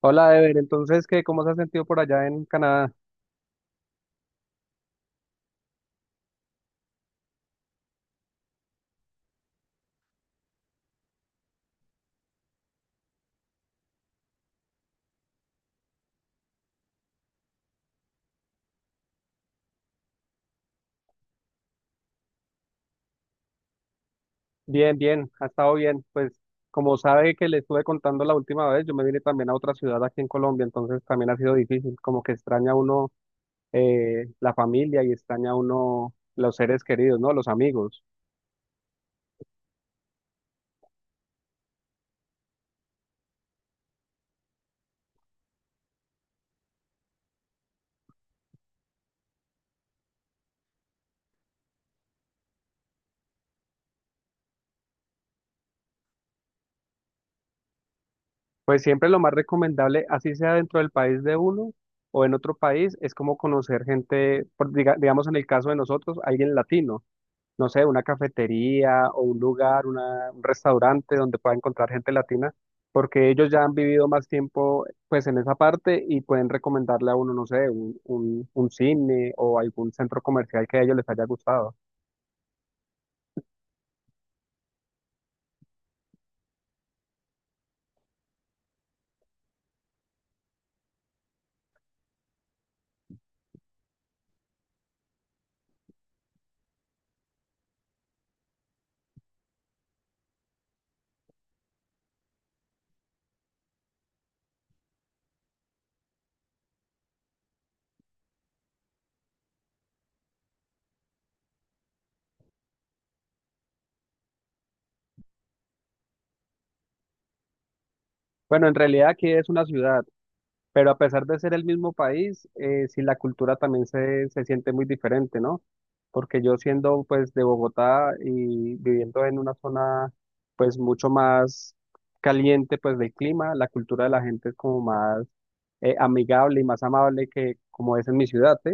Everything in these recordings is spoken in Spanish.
Hola, Ever. Entonces, ¿qué? ¿Cómo se ha sentido por allá en Canadá? Bien, bien, ha estado bien. Pues, como sabe que le estuve contando la última vez, yo me vine también a otra ciudad aquí en Colombia, entonces también ha sido difícil. Como que extraña uno la familia y extraña uno los seres queridos, ¿no? Los amigos. Pues siempre lo más recomendable, así sea dentro del país de uno o en otro país, es como conocer gente, digamos en el caso de nosotros, alguien latino, no sé, una cafetería o un lugar, un restaurante donde pueda encontrar gente latina, porque ellos ya han vivido más tiempo pues en esa parte y pueden recomendarle a uno, no sé, un cine o algún centro comercial que a ellos les haya gustado. Bueno, en realidad aquí es una ciudad. Pero a pesar de ser el mismo país, sí la cultura también se siente muy diferente, ¿no? Porque yo siendo pues de Bogotá y viviendo en una zona pues mucho más caliente pues del clima, la cultura de la gente es como más amigable y más amable que como es en mi ciudad, ¿sí?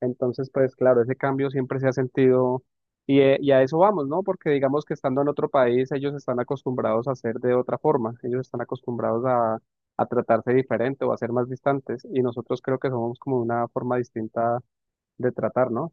Entonces, pues claro, ese cambio siempre se ha sentido y a eso vamos, ¿no? Porque digamos que estando en otro país, ellos están acostumbrados a hacer de otra forma, ellos están acostumbrados a tratarse diferente o a ser más distantes y nosotros creo que somos como una forma distinta de tratar, ¿no?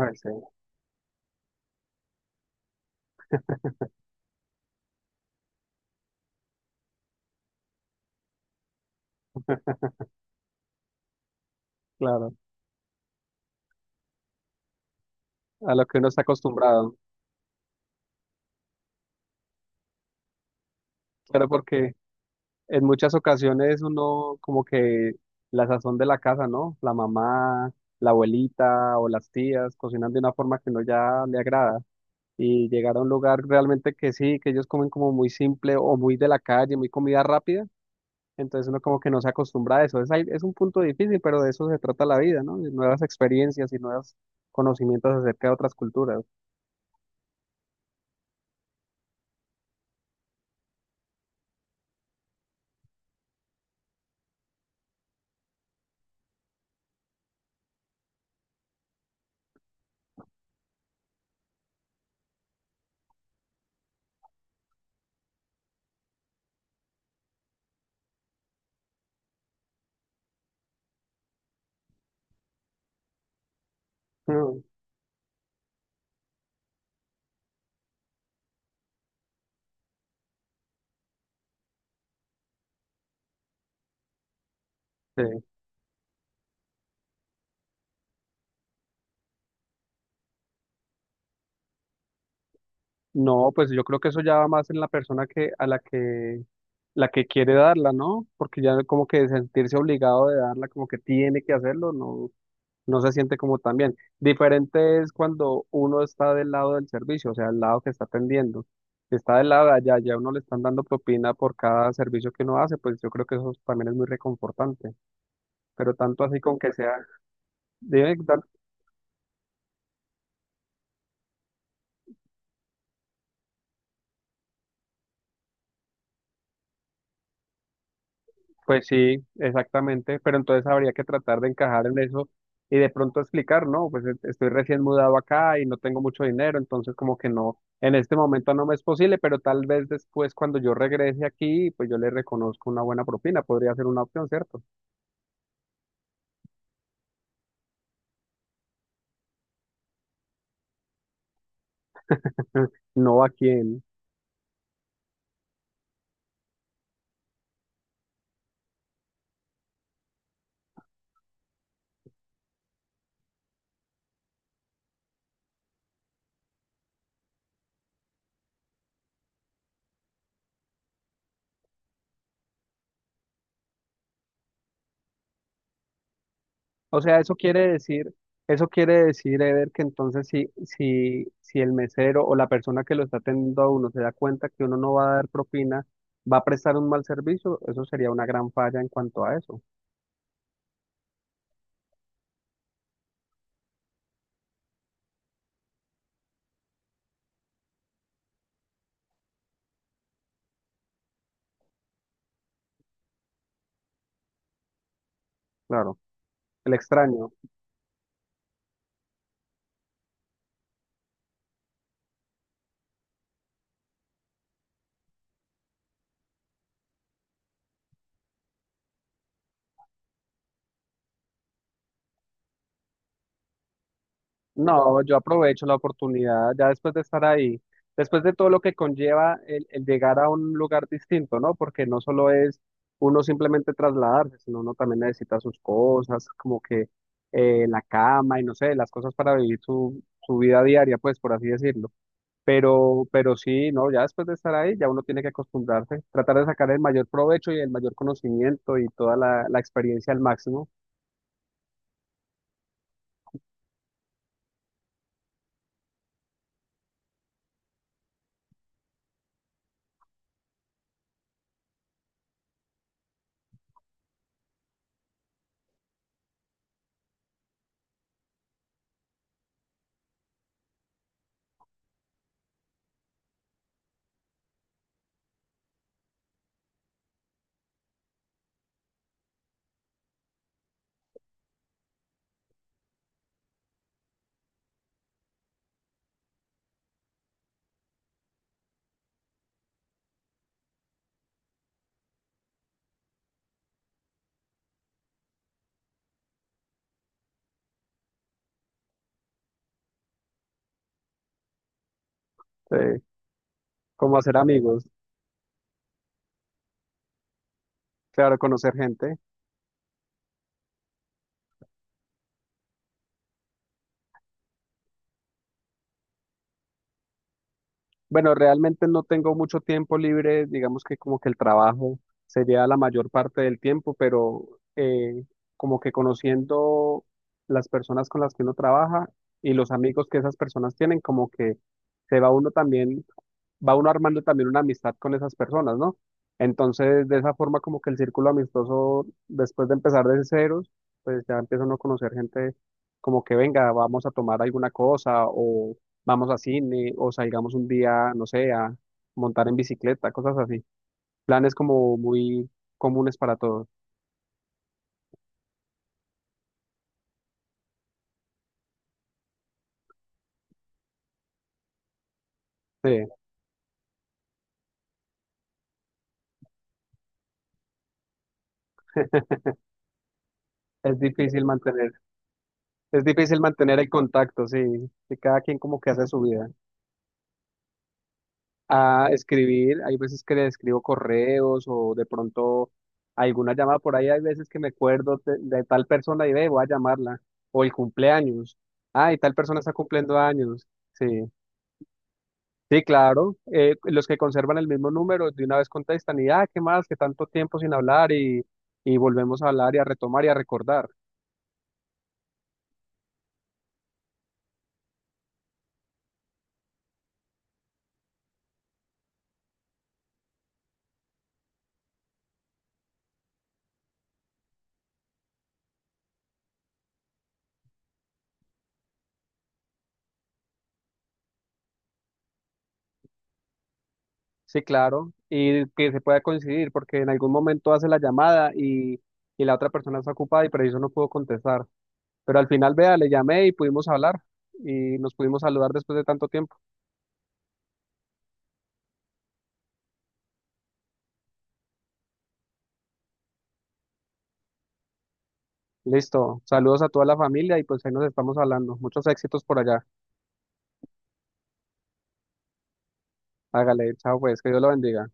Ay, sí, claro, a lo que uno está acostumbrado, pero porque en muchas ocasiones uno como que la sazón de la casa, ¿no? La mamá, la abuelita o las tías cocinan de una forma que no ya le agrada. Y llegar a un lugar realmente que sí, que ellos comen como muy simple o muy de la calle, muy comida rápida, entonces uno como que no se acostumbra a eso. Es un punto difícil, pero de eso se trata la vida, ¿no? De nuevas experiencias y nuevos conocimientos acerca de otras culturas. Mm, sí. No, pues yo creo que eso ya va más en la persona que a la que quiere darla, ¿no? Porque ya como que sentirse obligado de darla, como que tiene que hacerlo, no, no se siente como tan bien. Diferente es cuando uno está del lado del servicio, o sea, el lado que está atendiendo. Si está del lado de allá, ya uno le están dando propina por cada servicio que uno hace, pues yo creo que eso también es muy reconfortante. Pero tanto así con que sea, dime. Pues sí, exactamente, pero entonces habría que tratar de encajar en eso y de pronto explicar, ¿no? Pues estoy recién mudado acá y no tengo mucho dinero, entonces como que no, en este momento no me es posible, pero tal vez después cuando yo regrese aquí, pues yo le reconozco una buena propina, podría ser una opción, ¿cierto? No aquí en, o sea, eso quiere decir, Eder, que entonces si el mesero o la persona que lo está atendiendo a uno se da cuenta que uno no va a dar propina, va a prestar un mal servicio, eso sería una gran falla en cuanto a eso. Claro, el extraño. No, yo aprovecho la oportunidad, ya después de estar ahí, después de todo lo que conlleva el llegar a un lugar distinto, ¿no? Porque no solo es uno simplemente trasladarse, sino uno también necesita sus cosas, como que la cama y no sé, las cosas para vivir su vida diaria, pues por así decirlo. Pero sí, no, ya después de estar ahí, ya uno tiene que acostumbrarse, tratar de sacar el mayor provecho y el mayor conocimiento y toda la experiencia al máximo, eh, como hacer amigos, claro, conocer gente. Bueno, realmente no tengo mucho tiempo libre, digamos que como que el trabajo sería la mayor parte del tiempo, pero eh, como que conociendo las personas con las que uno trabaja y los amigos que esas personas tienen, como que se va uno también va uno armando también una amistad con esas personas, ¿no? Entonces, de esa forma como que el círculo amistoso, después de empezar de ceros, pues ya empieza uno a no conocer gente, como que venga, vamos a tomar alguna cosa o vamos a cine o salgamos un día, no sé, a montar en bicicleta, cosas así. Planes como muy comunes para todos. Sí, es difícil mantener, es difícil mantener el contacto, sí, que cada quien como que hace su vida. A escribir. Hay veces que le escribo correos o de pronto alguna llamada por ahí. Hay veces que me acuerdo de tal persona y ve, voy a llamarla. O el cumpleaños. Ah, y tal persona está cumpliendo años. Sí, sí, claro. Los que conservan el mismo número de una vez contestan y, ah, ¿qué más? Que tanto tiempo sin hablar y volvemos a hablar y a retomar y a recordar. Sí, claro. Y que se pueda coincidir porque en algún momento hace la llamada y la otra persona está ocupada y por eso no pudo contestar. Pero al final, vea, le llamé y pudimos hablar y nos pudimos saludar después de tanto tiempo. Listo, saludos a toda la familia y pues ahí nos estamos hablando. Muchos éxitos por allá. Hágale, chao pues, que Dios lo bendiga.